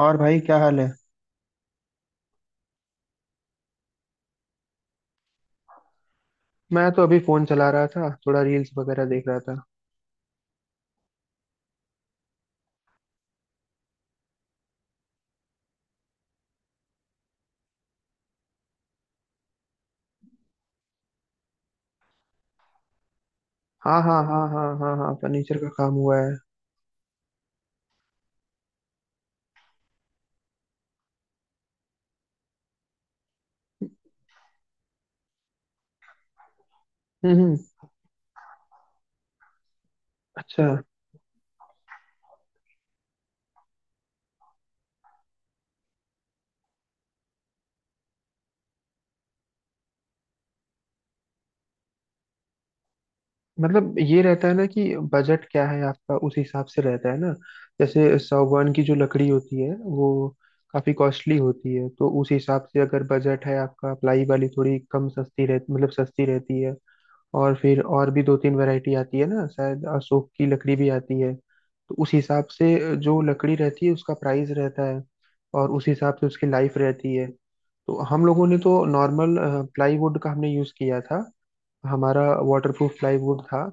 और भाई क्या हाल है। मैं तो अभी फोन चला रहा था, थोड़ा रील्स वगैरह देख रहा था। हाँ हाँ हाँ हाँ हाँ हाँ, फर्नीचर का काम हुआ है। हम्म हम्म, अच्छा। मतलब ये रहता है ना कि बजट क्या है आपका, उस हिसाब से रहता है ना। जैसे सागवान की जो लकड़ी होती है वो काफी कॉस्टली होती है, तो उस हिसाब से अगर बजट है आपका, प्लाई वाली थोड़ी कम सस्ती रह मतलब सस्ती रहती है। और फिर और भी दो तीन वैरायटी आती है ना, शायद अशोक की लकड़ी भी आती है, तो उस हिसाब से जो लकड़ी रहती है उसका प्राइस रहता है। और उस हिसाब से उसकी लाइफ रहती है। तो हम लोगों ने तो नॉर्मल प्लाईवुड का हमने यूज़ किया था, हमारा वाटरप्रूफ प्लाईवुड था।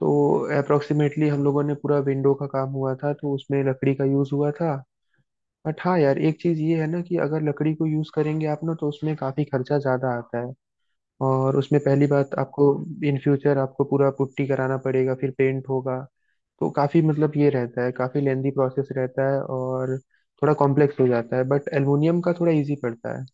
तो अप्रोक्सीमेटली हम लोगों ने पूरा विंडो का काम हुआ था, तो उसमें लकड़ी का यूज़ हुआ था। बट हाँ यार, एक चीज़ ये है ना कि अगर लकड़ी को यूज़ करेंगे आप ना, तो उसमें काफ़ी खर्चा ज़्यादा आता है। और उसमें पहली बात आपको इन फ्यूचर आपको पूरा पुट्टी कराना पड़ेगा, फिर पेंट होगा। तो काफ़ी मतलब ये रहता है, काफ़ी लेंदी प्रोसेस रहता है और थोड़ा कॉम्प्लेक्स हो जाता है, बट एल्युमिनियम का थोड़ा इजी पड़ता है।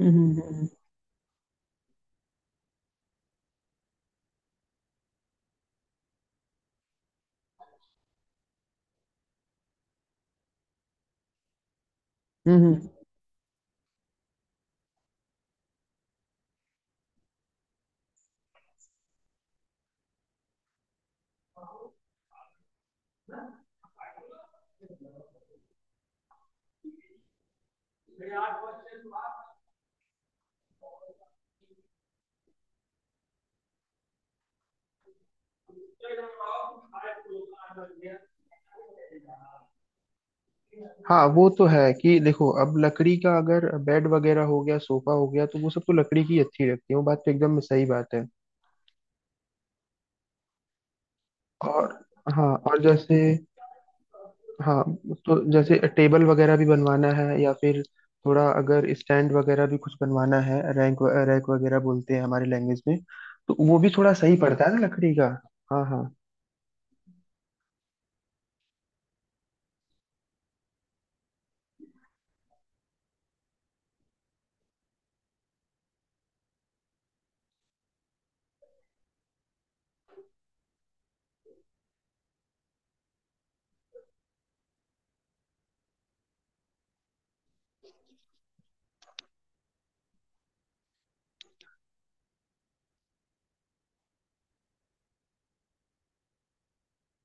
हम्म हम्म हम्म। हाँ वो तो है कि देखो, अब लकड़ी का अगर बेड वगैरह हो गया, सोफा हो गया, तो वो सब तो लकड़ी की अच्छी रहती है। वो बात तो एकदम सही बात है। और हाँ, और जैसे, हाँ, तो जैसे टेबल वगैरह भी बनवाना है, या फिर थोड़ा अगर स्टैंड वगैरह भी कुछ बनवाना है, रैंक रैक वगैरह बोलते हैं हमारी लैंग्वेज में, तो वो भी थोड़ा सही पड़ता है ना लकड़ी का। हाँ हाँ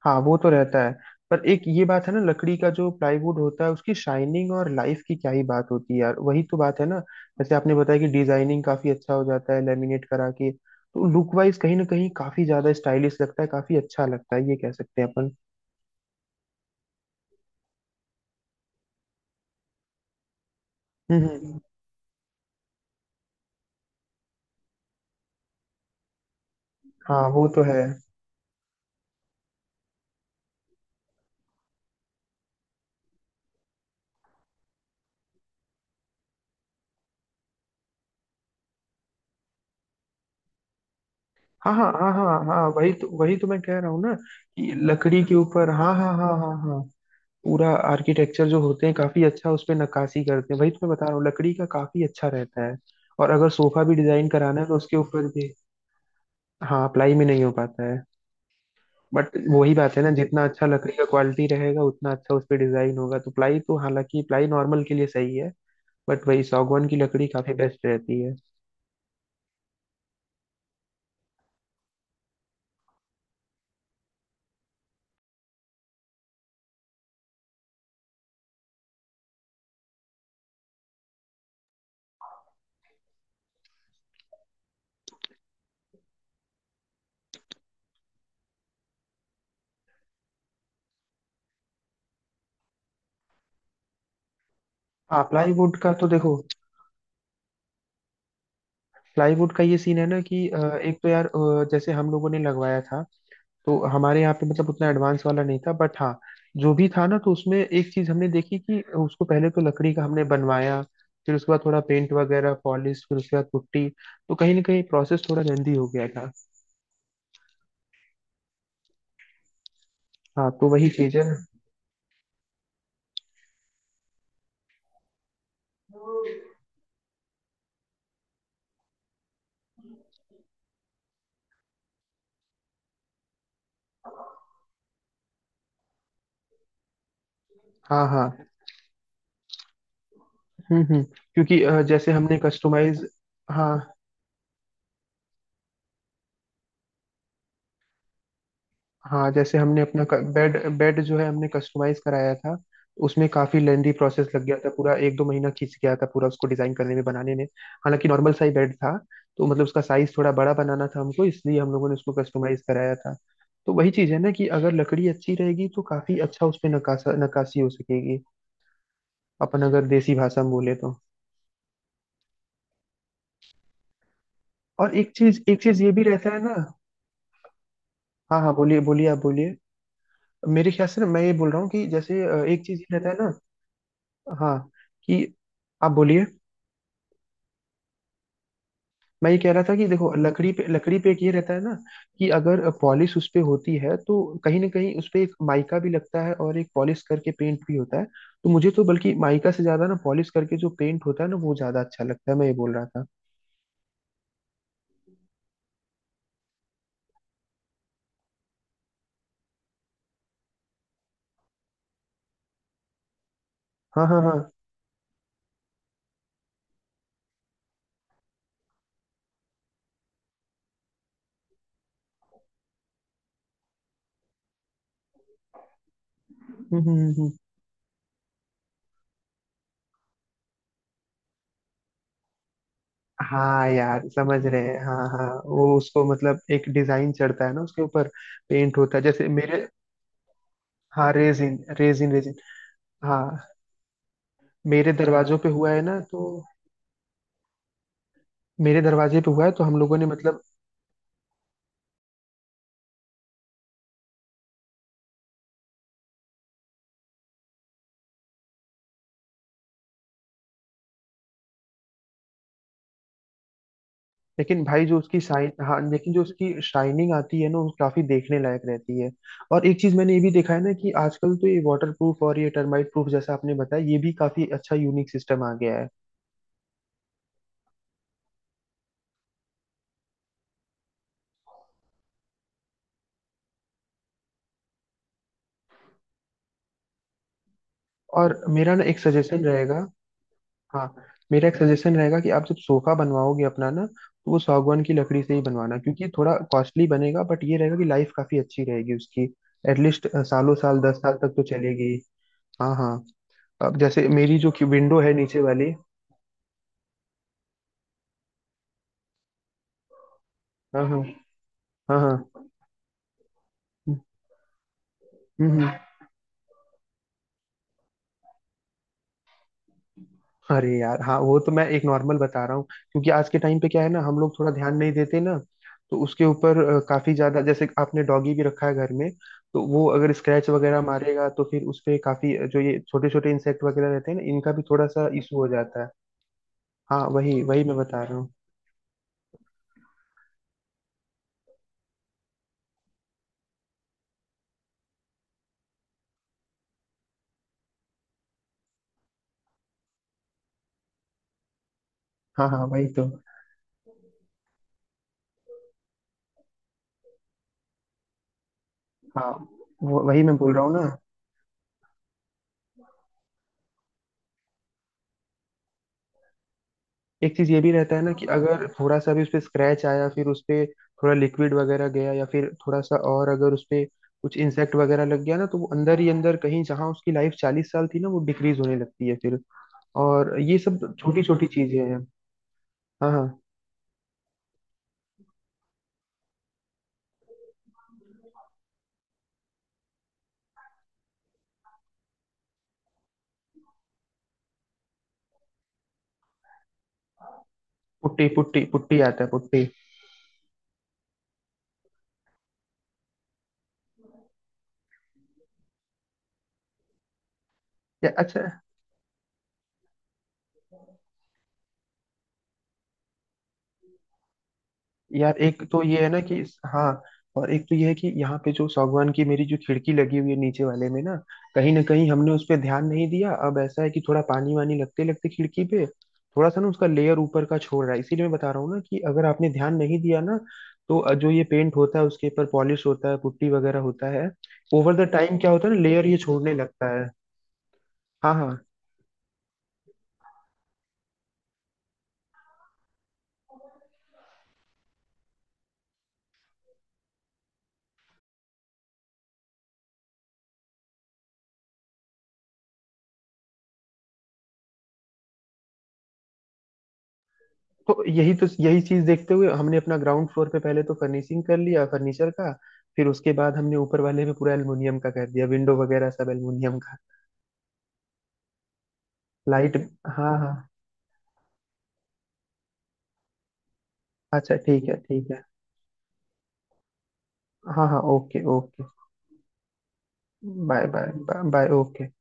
हाँ, वो तो रहता है। पर एक ये बात है ना, लकड़ी का जो प्लाईवुड होता है, उसकी शाइनिंग और लाइफ की क्या ही बात होती है यार, वही तो बात है ना। जैसे आपने बताया कि डिजाइनिंग काफी अच्छा हो जाता है लेमिनेट करा के, तो लुक वाइज कहीं ना कहीं काफी ज्यादा स्टाइलिश लगता है, काफी अच्छा लगता है, ये कह सकते हैं अपन। हम्म हम्म। हाँ वो तो है। हाँ हाँ हाँ हाँ हाँ, वही तो, वही तो मैं कह रहा हूँ ना, कि लकड़ी के ऊपर हाँ हाँ हाँ हाँ हाँ, पूरा आर्किटेक्चर जो होते हैं काफी अच्छा उस पे नक्काशी करते हैं, वही तो मैं बता रहा हूँ, लकड़ी का काफी अच्छा रहता है। और अगर सोफा भी डिजाइन कराना है तो उसके ऊपर भी। हाँ, प्लाई में नहीं हो पाता है, बट वही बात है ना, जितना अच्छा लकड़ी का क्वालिटी रहेगा उतना अच्छा उस पे डिजाइन होगा। तो प्लाई तो हालांकि प्लाई नॉर्मल के लिए सही है, बट वही सागवान की लकड़ी काफी बेस्ट रहती है। हाँ प्लाईवुड का तो देखो, प्लाईवुड का ये सीन है ना कि एक तो यार जैसे हम लोगों ने लगवाया था, तो हमारे यहाँ पे मतलब उतना एडवांस वाला नहीं था, बट हाँ जो भी था ना, तो उसमें एक चीज हमने देखी कि उसको पहले तो लकड़ी का हमने बनवाया, फिर उसके बाद थोड़ा पेंट वगैरह पॉलिश, फिर उसके बाद पुट्टी, तो कहीं ना कहीं प्रोसेस थोड़ा लेंदी हो गया था। हाँ तो वही चीज है। हाँ हाँ। हम्म। क्योंकि जैसे हमने कस्टमाइज, हाँ हाँ, जैसे हमने अपना बेड बेड जो है हमने कस्टमाइज कराया था, उसमें काफी लेंदी प्रोसेस लग गया था, पूरा 1-2 महीना खींच गया था पूरा, उसको डिजाइन करने में बनाने में। हालांकि नॉर्मल साइज बेड था, तो मतलब उसका साइज थोड़ा बड़ा बनाना था हमको, इसलिए हम लोगों ने उसको कस्टमाइज कराया था। तो वही चीज है ना कि अगर लकड़ी अच्छी रहेगी तो काफी अच्छा उस पे नकाशा नक्काशी हो सकेगी, अपन अगर देसी भाषा में बोले तो। और एक चीज, एक चीज ये भी रहता है ना। हाँ हाँ बोलिए बोलिए, आप बोलिए। मेरे ख्याल से ना, मैं ये बोल रहा हूँ कि जैसे एक चीज ये रहता है ना, हाँ, कि आप बोलिए। मैं ये कह रहा था कि देखो, लकड़ी पे एक ये रहता है ना कि अगर पॉलिश उस पे होती है तो कहीं ना कहीं उस पे एक माइका भी लगता है, और एक पॉलिश करके पेंट भी होता है। तो मुझे तो बल्कि माइका से ज्यादा ना पॉलिश करके जो पेंट होता है ना वो ज्यादा अच्छा लगता है, मैं ये बोल रहा था। हाँ हाँ हाँ। हम्म हम्म हम्म हम्म। हाँ यार समझ रहे हैं, हाँ हाँ, वो उसको मतलब एक डिजाइन चढ़ता है ना उसके ऊपर, पेंट होता है, जैसे मेरे, हाँ, रेजिन रेजिन रेजिन, हाँ। मेरे दरवाजों पे हुआ है ना, तो मेरे दरवाजे पे हुआ है तो हम लोगों ने मतलब, लेकिन भाई जो उसकी शाइन, हाँ लेकिन जो उसकी शाइनिंग आती है ना वो काफी देखने लायक रहती है। और एक चीज मैंने ये भी देखा है ना कि आजकल तो ये वाटर प्रूफ और ये टर्माइट प्रूफ जैसा आपने बताया, ये भी काफी अच्छा यूनिक सिस्टम आ गया है। और मेरा ना एक सजेशन रहेगा, हाँ, मेरा एक सजेशन रहेगा कि आप जब सोफा बनवाओगे अपना ना, तो वो सागवान की लकड़ी से ही बनवाना, क्योंकि ये थोड़ा कॉस्टली बनेगा बट ये रहेगा कि लाइफ काफी अच्छी रहेगी उसकी। एटलीस्ट सालों साल, 10 साल तक तो चलेगी। हाँ हाँ। अब जैसे मेरी जो विंडो है नीचे वाली, हाँ हाँ हाँ हाँ, हम्म हम्म। अरे यार हाँ, वो तो मैं एक नॉर्मल बता रहा हूँ, क्योंकि आज के टाइम पे क्या है ना, हम लोग थोड़ा ध्यान नहीं देते ना, तो उसके ऊपर काफी ज्यादा, जैसे आपने डॉगी भी रखा है घर में, तो वो अगर स्क्रैच वगैरह मारेगा तो फिर उस पे काफी जो ये छोटे छोटे इंसेक्ट वगैरह रहते हैं ना, इनका भी थोड़ा सा इशू हो जाता है। हाँ वही वही मैं बता रहा हूँ। हाँ हाँ, वही तो। हाँ, वो वही मैं बोल रहा हूँ ना। एक चीज ये भी रहता है ना कि अगर थोड़ा सा भी उस पे स्क्रैच आया, फिर उस पे थोड़ा लिक्विड वगैरह गया, या फिर थोड़ा सा, और अगर उस पे कुछ इंसेक्ट वगैरह लग गया ना, तो वो अंदर ही अंदर कहीं, जहां उसकी लाइफ 40 साल थी ना वो डिक्रीज होने लगती है फिर। और ये सब छोटी छोटी चीजें हैं। हाँ हाँ। पुट्टी पुट्टी पुट्टी आता है, पुट्टी। या अच्छा। यार एक तो ये है ना कि, हाँ, और एक तो ये है कि यहाँ पे जो सागवान की मेरी जो खिड़की लगी हुई है नीचे वाले में ना, कहीं ना कहीं हमने उस पर ध्यान नहीं दिया। अब ऐसा है कि थोड़ा पानी वानी लगते लगते खिड़की पे, थोड़ा सा ना उसका लेयर ऊपर का छोड़ रहा है। इसीलिए मैं बता रहा हूँ ना कि अगर आपने ध्यान नहीं दिया ना, तो जो ये पेंट होता है उसके ऊपर पॉलिश होता है, पुट्टी वगैरह होता है, ओवर द टाइम क्या होता है ना, लेयर ये छोड़ने लगता है। हाँ हाँ। तो यही, तो यही चीज देखते हुए हमने अपना ग्राउंड फ्लोर पे पहले तो फर्निशिंग कर लिया फर्नीचर का, फिर उसके बाद हमने ऊपर वाले में पूरा एल्युमिनियम का कर दिया, विंडो वगैरह सब एल्युमिनियम का। लाइट। हाँ हाँ। अच्छा ठीक है, ठीक है। हाँ हाँ, okay okay. Bye bye. Bye okay.